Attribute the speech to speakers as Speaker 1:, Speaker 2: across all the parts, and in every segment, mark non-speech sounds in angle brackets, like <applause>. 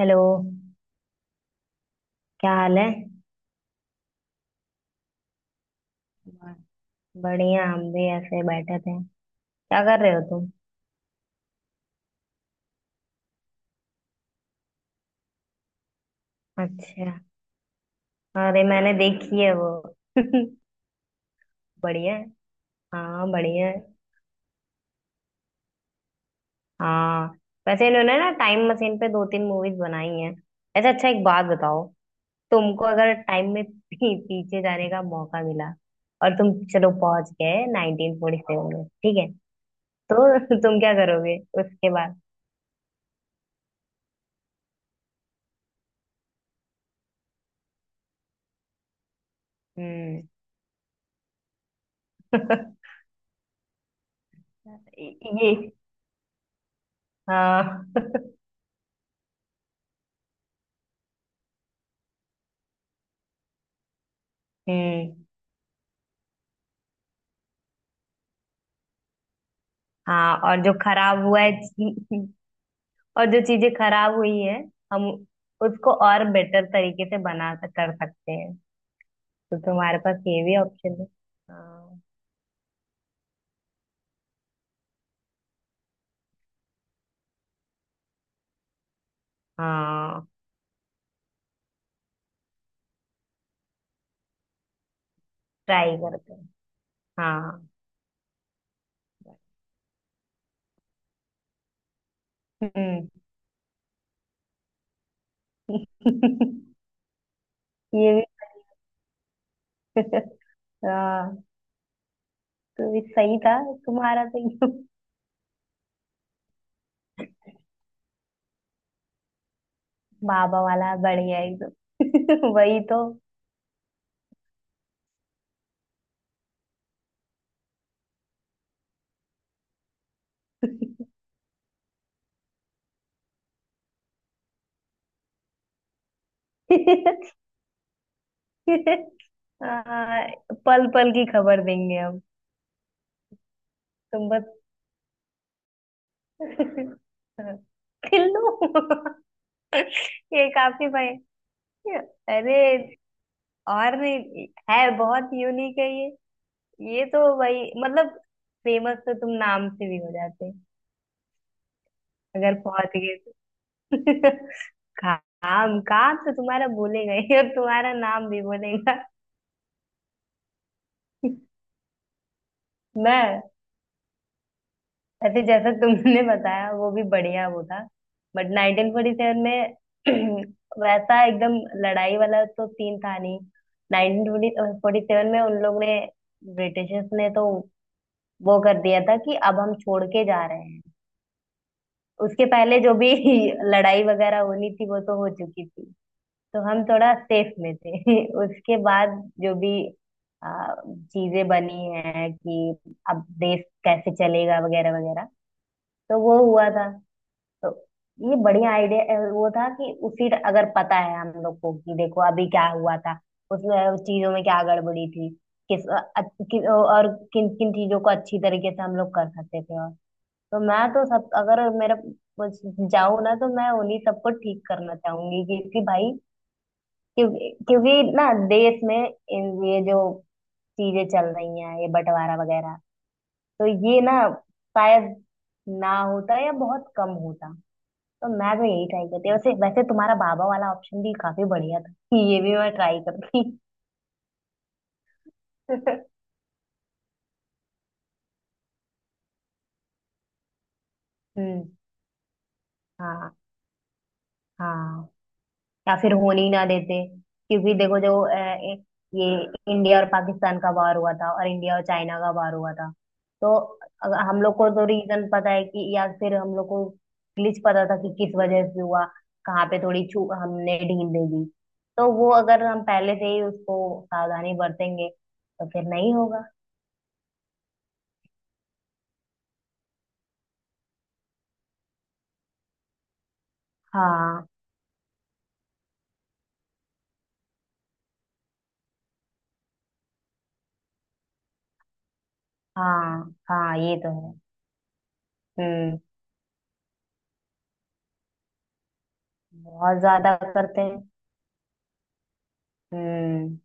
Speaker 1: Hello. क्या हाल है? ब- बढ़िया, हम भी ऐसे बैठे थे। क्या कर रहे हो तुम? अच्छा, अरे मैंने देखी है वो। <laughs> बढ़िया है। हाँ बढ़िया है। हाँ वैसे इन्होंने ना टाइम मशीन पे 2-3 मूवीज बनाई हैं। ऐसा अच्छा, एक बात बताओ। तुमको अगर टाइम में पीछे जाने का मौका मिला और तुम चलो पहुंच गए 1947 में, ठीक है? तो <laughs> तुम क्या करोगे उसके बाद? हम्म। <laughs> ये हाँ। <laughs> हम्म। हाँ और जो खराब हुआ है <laughs> और जो चीजें खराब हुई है, हम उसको और बेटर तरीके से कर सकते हैं। तो तुम्हारे पास ये भी ऑप्शन है। हाँ हाँ, ट्राई करते हैं। हाँ। हम्म। <laughs> ये भी <laughs> हाँ, तो ये सही था तुम्हारा तो। <laughs> एकदम बाबा वाला बढ़िया, एकदम <laughs> वही तो। <laughs> हाँ, पल पल की खबर देंगे हम। तुम बस <laughs> पिल्लू। <laughs> ये काफी भाई। अरे और नहीं है, बहुत यूनिक है ये। ये तो भाई मतलब फेमस तो तुम नाम से भी हो जाते अगर पहुंच गए तो। <laughs> काम काम तो तुम्हारा बोलेगा ही और तुम्हारा नाम भी बोलेगा। <laughs> मैं वैसे जैसा तुमने बताया वो भी बढ़िया वो था। बट 1947 में <clears throat> वैसा एकदम लड़ाई वाला तो सीन था नहीं। 1947 में उन लोग ने, ब्रिटिशर्स ने तो वो कर दिया था कि अब हम छोड़ के जा रहे हैं। उसके पहले जो भी <laughs> लड़ाई वगैरह होनी थी वो तो हो चुकी थी। तो हम थोड़ा सेफ में थे <laughs> उसके बाद। जो भी आ, चीजें बनी हैं कि अब देश कैसे चलेगा, वगैरह वगैरह। तो वो हुआ था। तो ये बढ़िया आइडिया वो था कि उसी अगर पता है हम लोग को कि देखो अभी क्या हुआ था, उसमें चीजों में क्या गड़बड़ी थी, किस अ- और किन किन चीजों को अच्छी तरीके से हम लोग कर सकते थे। और तो मैं तो सब अगर मेरा कुछ जाऊं ना तो मैं उन्हीं सबको ठीक करना चाहूंगी। क्योंकि भाई, क्योंकि क्योंकि ना देश में ये जो चीजें चल रही हैं, ये बंटवारा वगैरह, तो ये ना शायद ना होता या बहुत कम होता। तो मैं तो यही ट्राई करती। वैसे वैसे तुम्हारा बाबा वाला ऑप्शन भी काफी बढ़िया था कि ये भी मैं ट्राई करती। <laughs> हम्म। हाँ हाँ। या फिर होने ही ना देते। क्योंकि देखो, जो ये इंडिया और पाकिस्तान का वार हुआ था और इंडिया और चाइना का वार हुआ था, तो अगर हम लोग को तो रीजन पता है कि, या फिर हम लोग को ग्लिच पता था कि किस वजह से हुआ, कहाँ पे थोड़ी छू हमने ढील दे दी, तो वो अगर हम पहले से ही उसको सावधानी बरतेंगे तो फिर नहीं होगा। हाँ। हाँ। हाँ ये तो है। हम्म। बहुत ज्यादा करते हैं। हम्म।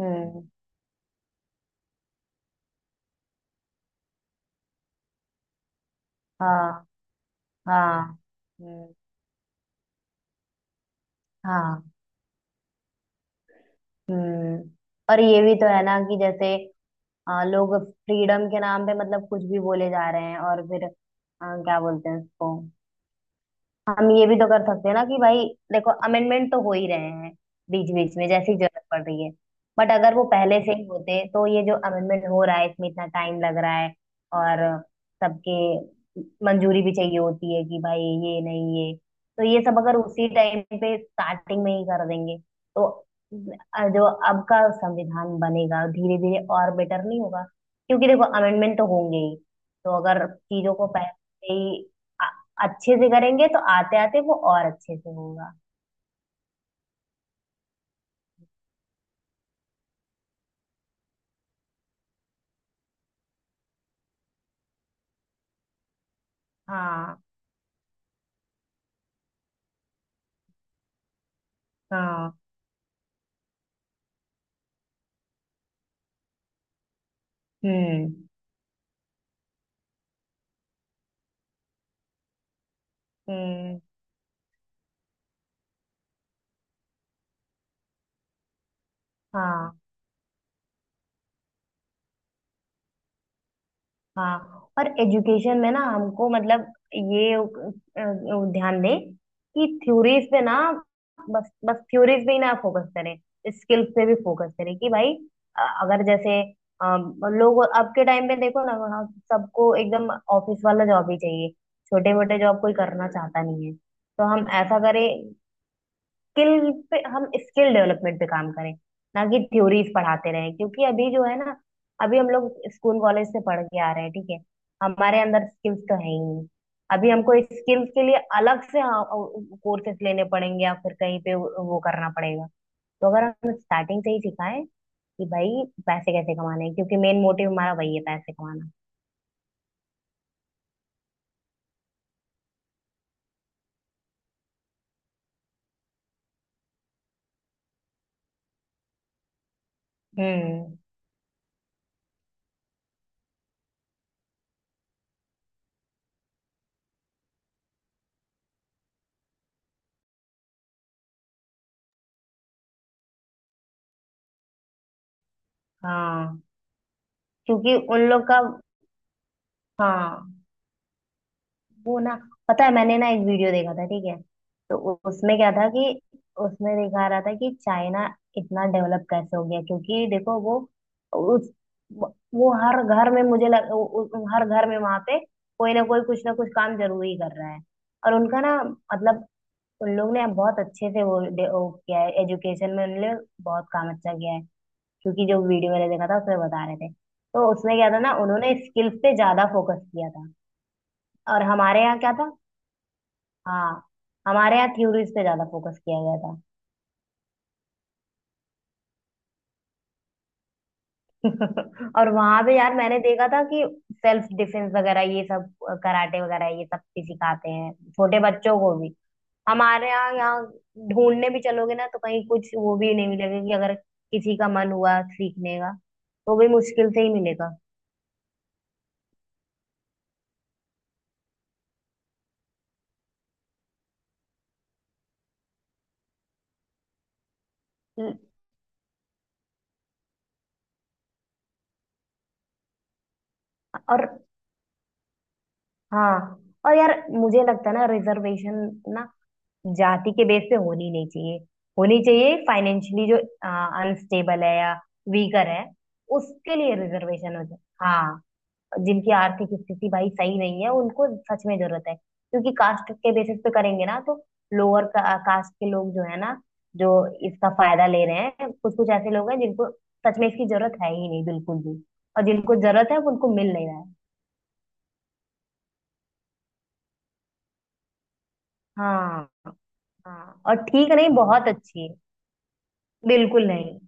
Speaker 1: हम्म। हाँ। हाँ। हम्म। हाँ। हम्म। और ये भी तो है ना कि जैसे लोग फ्रीडम के नाम पे मतलब कुछ भी बोले जा रहे हैं, और फिर क्या बोलते हैं उसको, हम ये भी तो कर सकते हैं ना कि भाई देखो, अमेंडमेंट तो हो ही रहे हैं बीच बीच में जैसी जरूरत पड़ रही है। बट अगर वो पहले से ही होते तो ये जो अमेंडमेंट हो रहा है इसमें इतना टाइम लग रहा है, और सबके मंजूरी भी चाहिए होती है कि भाई ये नहीं ये, तो ये सब अगर उसी टाइम पे स्टार्टिंग में ही कर देंगे तो जो अब का संविधान बनेगा धीरे धीरे और बेटर नहीं होगा? क्योंकि देखो अमेंडमेंट तो होंगे ही। तो अगर चीजों को पहले से ही अच्छे से करेंगे तो आते आते वो और अच्छे से होगा। हाँ। हाँ। हम्म। हम्म। हाँ। हाँ और एजुकेशन में ना हमको मतलब ये ध्यान दें कि थ्योरीज पे ना, बस बस थ्योरीज पे ही ना फोकस करें, स्किल्स पे भी फोकस करें। कि भाई अगर जैसे अ, लोग अब के टाइम में देखो ना, हाँ, सबको एकदम ऑफिस वाला जॉब ही चाहिए, छोटे मोटे जॉब कोई करना चाहता नहीं है। तो हम ऐसा करें, स्किल पे हम स्किल डेवलपमेंट पे काम करें, ना कि थ्योरीज पढ़ाते रहें। क्योंकि अभी जो है ना, अभी हम लोग स्कूल कॉलेज से पढ़ के आ रहे हैं, ठीक है, हमारे अंदर स्किल्स तो है ही नहीं। अभी हमको स्किल्स के लिए अलग से कोर्सेज लेने पड़ेंगे, या फिर कहीं पे वो करना पड़ेगा। तो अगर हम स्टार्टिंग से ही सिखाएं कि भाई पैसे कैसे कमाने हैं, क्योंकि मेन मोटिव हमारा वही है, पैसे कमाना। हम्म। हाँ क्योंकि उन लोग का, हाँ वो ना, पता है मैंने ना एक वीडियो देखा था, ठीक है, तो उसमें क्या था कि उसमें दिखा रहा था कि चाइना इतना डेवलप कैसे हो गया। क्योंकि देखो वो उस, वो हर घर में मुझे हर घर में वहां पे कोई ना कोई कुछ ना कुछ काम जरूर ही कर रहा है। और उनका ना मतलब उन लोग ने बहुत अच्छे से वो किया है, एजुकेशन में उन्होंने बहुत काम अच्छा किया है। क्योंकि जो वीडियो मैंने देखा था उसमें बता रहे थे, तो उसमें क्या था ना, उन्होंने स्किल्स पे ज्यादा फोकस किया था। और हमारे यहाँ क्या था, हाँ हमारे यहाँ थ्योरीज पे ज्यादा फोकस किया गया था। <laughs> और वहां पे यार मैंने देखा था कि सेल्फ डिफेंस वगैरह ये सब, कराटे वगैरह ये सब भी सिखाते हैं छोटे बच्चों को भी। हमारे यहाँ यहाँ ढूंढने भी चलोगे ना तो कहीं कुछ वो भी नहीं मिलेगा कि अगर किसी का मन हुआ सीखने का तो भी मुश्किल से ही मिलेगा। ल- और हाँ, और यार मुझे लगता है ना रिजर्वेशन ना जाति के बेस पे होनी नहीं चाहिए, होनी चाहिए फाइनेंशियली जो अनस्टेबल है या वीकर है उसके लिए रिजर्वेशन हो जाए। हाँ जिनकी आर्थिक स्थिति भाई सही नहीं है उनको सच में जरूरत है। क्योंकि कास्ट के बेसिस पे करेंगे ना तो लोअर कास्ट के लोग जो है ना, जो इसका फायदा ले रहे हैं, कुछ कुछ ऐसे लोग हैं जिनको सच में इसकी जरूरत है ही नहीं, बिल्कुल भी। और जिनको जरूरत है वो उनको मिल नहीं रहा है। हाँ। हाँ और ठीक नहीं, बहुत अच्छी है, बिल्कुल नहीं।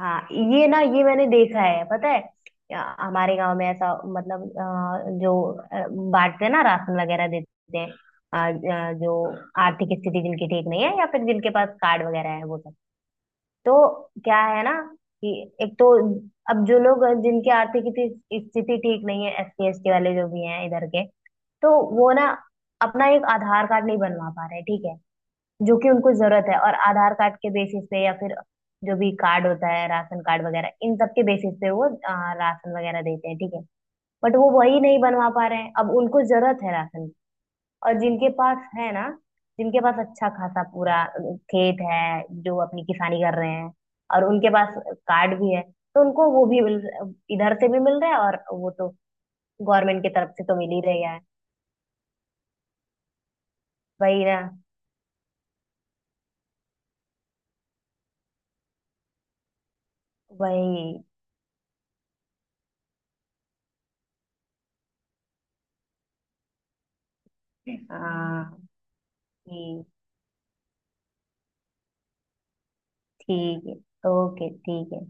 Speaker 1: हाँ ये ना ये मैंने देखा है, पता है, या, हमारे गांव में ऐसा मतलब जो बांटते हैं ना राशन वगैरह देते हैं, जो आर्थिक स्थिति जिनकी ठीक नहीं है या फिर जिनके पास कार्ड वगैरह है वो सब, तो क्या है ना कि एक तो अब जो लोग जिनकी आर्थिक स्थिति स्थिति ठीक नहीं है, SC ST वाले जो भी हैं इधर के, तो वो ना अपना एक आधार कार्ड नहीं बनवा पा रहे, ठीक है, जो कि उनको जरूरत है। और आधार कार्ड के बेसिस पे या फिर जो भी कार्ड होता है राशन कार्ड वगैरह इन सब के बेसिस पे वो राशन वगैरह देते हैं, ठीक है, बट वो वही नहीं बनवा पा रहे हैं, अब उनको जरूरत है राशन की। और जिनके पास है ना, जिनके पास अच्छा खासा पूरा खेत है, जो अपनी किसानी कर रहे हैं और उनके पास कार्ड भी है, तो उनको वो भी मिल, इधर से भी मिल रहा है और वो तो गवर्नमेंट की तरफ से तो मिल ही रहा है। वही ना। वही। हाँ। ठीक, ठीक है, ओके ठीक है।